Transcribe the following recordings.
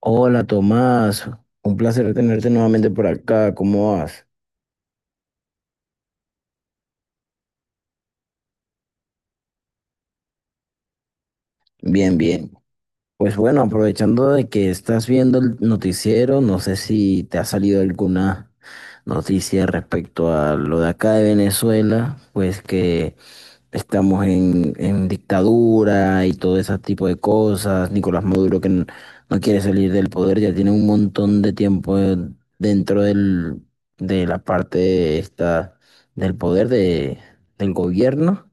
Hola Tomás, un placer tenerte nuevamente por acá. ¿Cómo vas? Bien, bien. Pues bueno, aprovechando de que estás viendo el noticiero, no sé si te ha salido alguna noticia respecto a lo de acá de Venezuela, pues que estamos en dictadura y todo ese tipo de cosas. Nicolás Maduro que no quiere salir del poder. Ya tiene un montón de tiempo, dentro del, de la parte esta del poder del gobierno.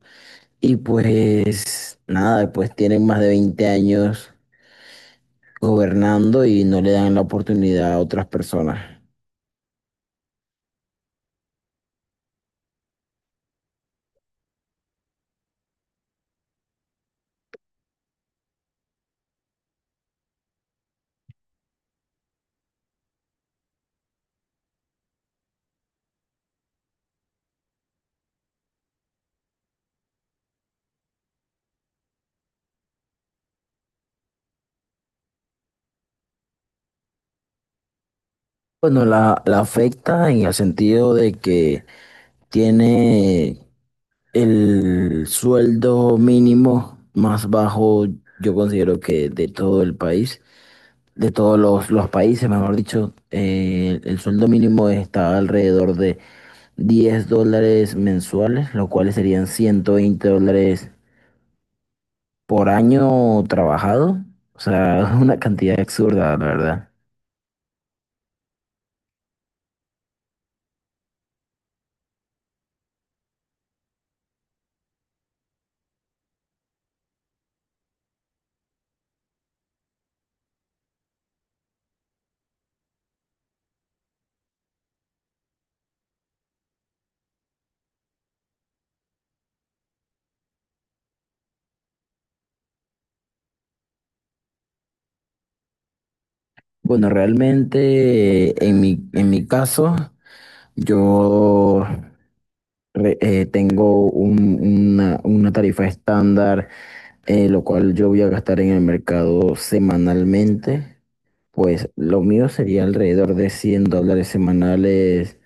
Y pues nada, pues tienen más de 20 años gobernando y no le dan la oportunidad a otras personas. Bueno, la afecta en el sentido de que tiene el sueldo mínimo más bajo, yo considero, que de todo el país, de todos los países, mejor dicho. El sueldo mínimo está alrededor de $10 mensuales, lo cual serían $120 por año trabajado. O sea, es una cantidad absurda, la verdad. Bueno, realmente, en mi caso, yo tengo una tarifa estándar, lo cual yo voy a gastar en el mercado semanalmente. Pues lo mío sería alrededor de $100 semanales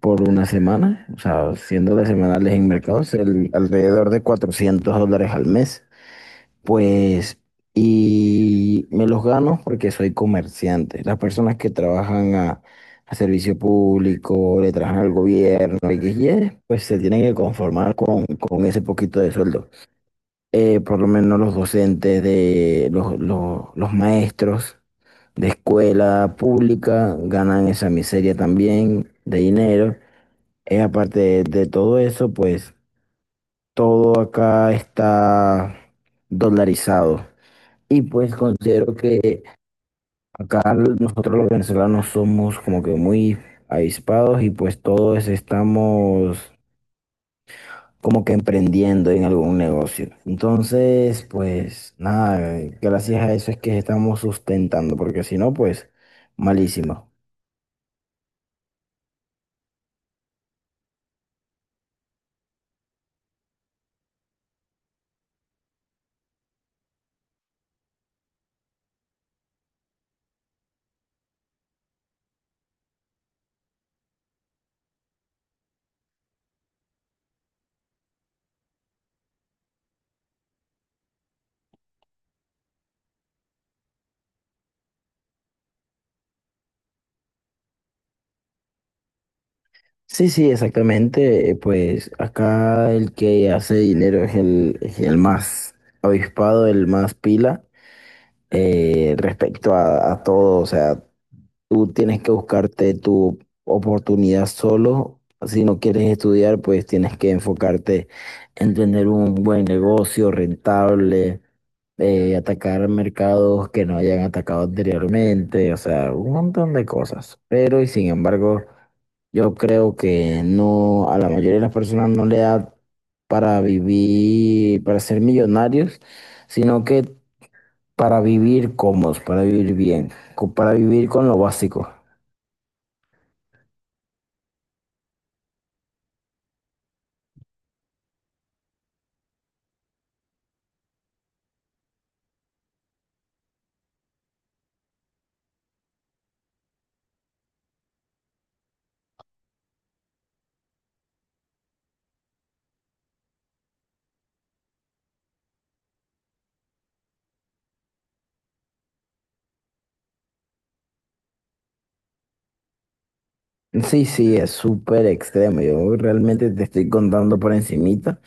por una semana, o sea, $100 semanales en mercados, alrededor de $400 al mes, pues, y me los gano porque soy comerciante. Las personas que trabajan a servicio público, le trabajan al gobierno, XY, pues se tienen que conformar con ese poquito de sueldo. Por lo menos los docentes, de los maestros de escuela pública, ganan esa miseria también de dinero. Aparte de todo eso, pues todo acá está dolarizado. Y pues considero que acá nosotros los venezolanos somos como que muy avispados y pues todos estamos como que emprendiendo en algún negocio. Entonces, pues nada, gracias a eso es que estamos sustentando, porque si no, pues malísimo. Sí, sí, exactamente. Pues acá el que hace dinero es el más avispado, el más pila, respecto a todo. O sea, tú tienes que buscarte tu oportunidad solo. Si no quieres estudiar, pues tienes que enfocarte en tener un buen negocio rentable, de atacar mercados que no hayan atacado anteriormente, o sea, un montón de cosas. Pero y sin embargo, yo creo que no, a la mayoría de las personas no le da para vivir, para ser millonarios, sino que para vivir cómodos, para vivir bien, para vivir con lo básico. Sí, sí, es súper extremo. Yo realmente te estoy contando por encimita,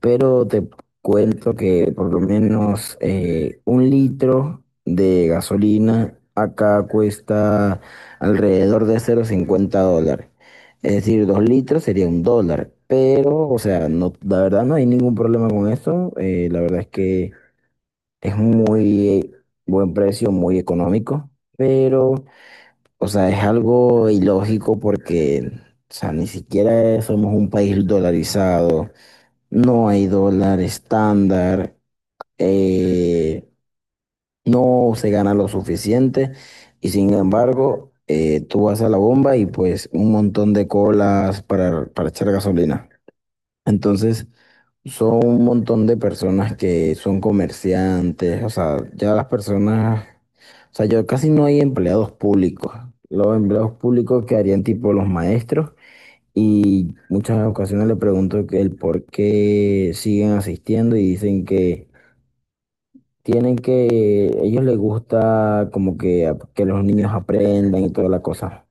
pero te cuento que por lo menos, un litro de gasolina acá cuesta alrededor de $0,50. Es decir, 2 litros sería un dólar. Pero, o sea, no, la verdad no hay ningún problema con eso. La verdad es que es muy buen precio, muy económico. Pero, o sea, es algo ilógico porque, o sea, ni siquiera somos un país dolarizado. No hay dólar estándar, eh, no se gana lo suficiente. Y sin embargo, tú vas a la bomba y pues un montón de colas para echar gasolina. Entonces son un montón de personas que son comerciantes, o sea, ya las personas, o sea, yo, casi no hay empleados públicos. Los empleados públicos que harían tipo los maestros, y muchas ocasiones le pregunto que el por qué siguen asistiendo, y dicen que tienen que, ellos les gusta como que, que los niños aprendan y toda la cosa.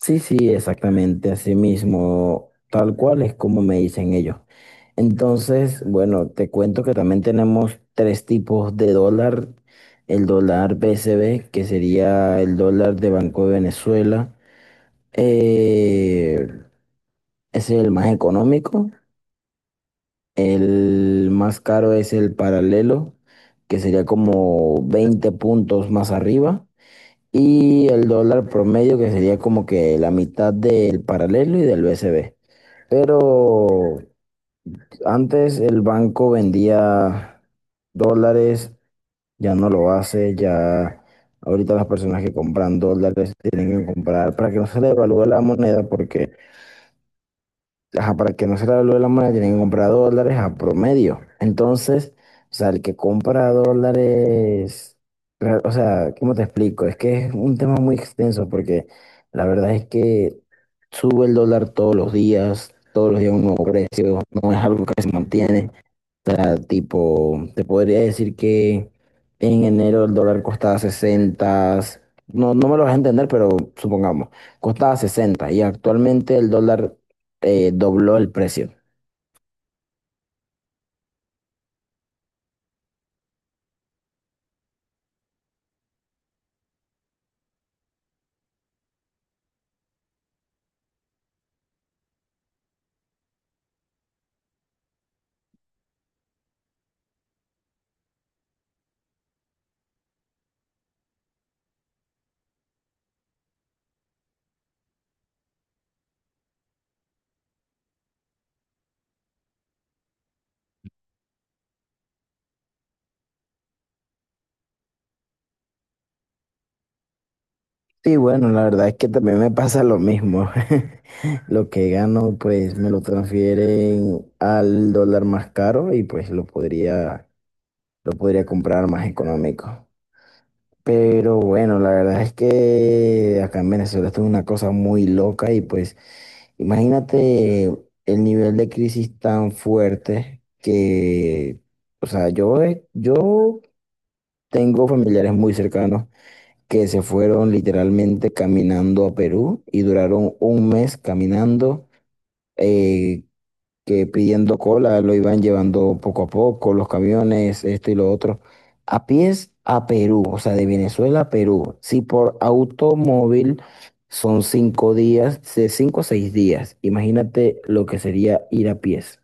Sí, sí, exactamente, así mismo, tal cual es como me dicen ellos. Entonces, bueno, te cuento que también tenemos tres tipos de dólar. El dólar BCB, que sería el dólar de Banco de Venezuela. eh, ese es el más económico. El más caro es el paralelo, que sería como 20 puntos más arriba. Y el dólar promedio, que sería como que la mitad del paralelo y del BCB. Pero antes el banco vendía dólares, ya no lo hace. Ya ahorita las personas que compran dólares tienen que comprar para que no se le devalúe la moneda porque, ajá, para que no se le valúe la moneda, tienen que comprar dólares a promedio. Entonces, o sea, el que compra dólares, o sea, ¿cómo te explico? Es que es un tema muy extenso porque la verdad es que sube el dólar todos los días un nuevo precio, no es algo que se mantiene, sea, tipo, te podría decir que en enero el dólar costaba 60, no, no me lo vas a entender, pero supongamos, costaba 60 y actualmente el dólar, dobló el precio. Sí, bueno, la verdad es que también me pasa lo mismo. Lo que gano, pues me lo transfieren al dólar más caro y pues lo podría comprar más económico. Pero bueno, la verdad es que acá en Venezuela esto es una cosa muy loca y pues, imagínate el nivel de crisis tan fuerte que, o sea, yo tengo familiares muy cercanos que se fueron literalmente caminando a Perú y duraron un mes caminando. eh, que pidiendo cola lo iban llevando poco a poco, los camiones, esto y lo otro, a pies a Perú, o sea, de Venezuela a Perú. Si por automóvil son 5 días, de 5 o 6 días, imagínate lo que sería ir a pies.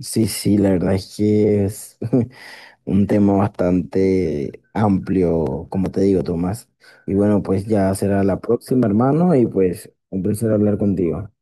Sí, sí, la verdad es que es un tema bastante amplio, como te digo, Tomás. Y bueno, pues ya será la próxima, hermano, y pues un placer hablar contigo.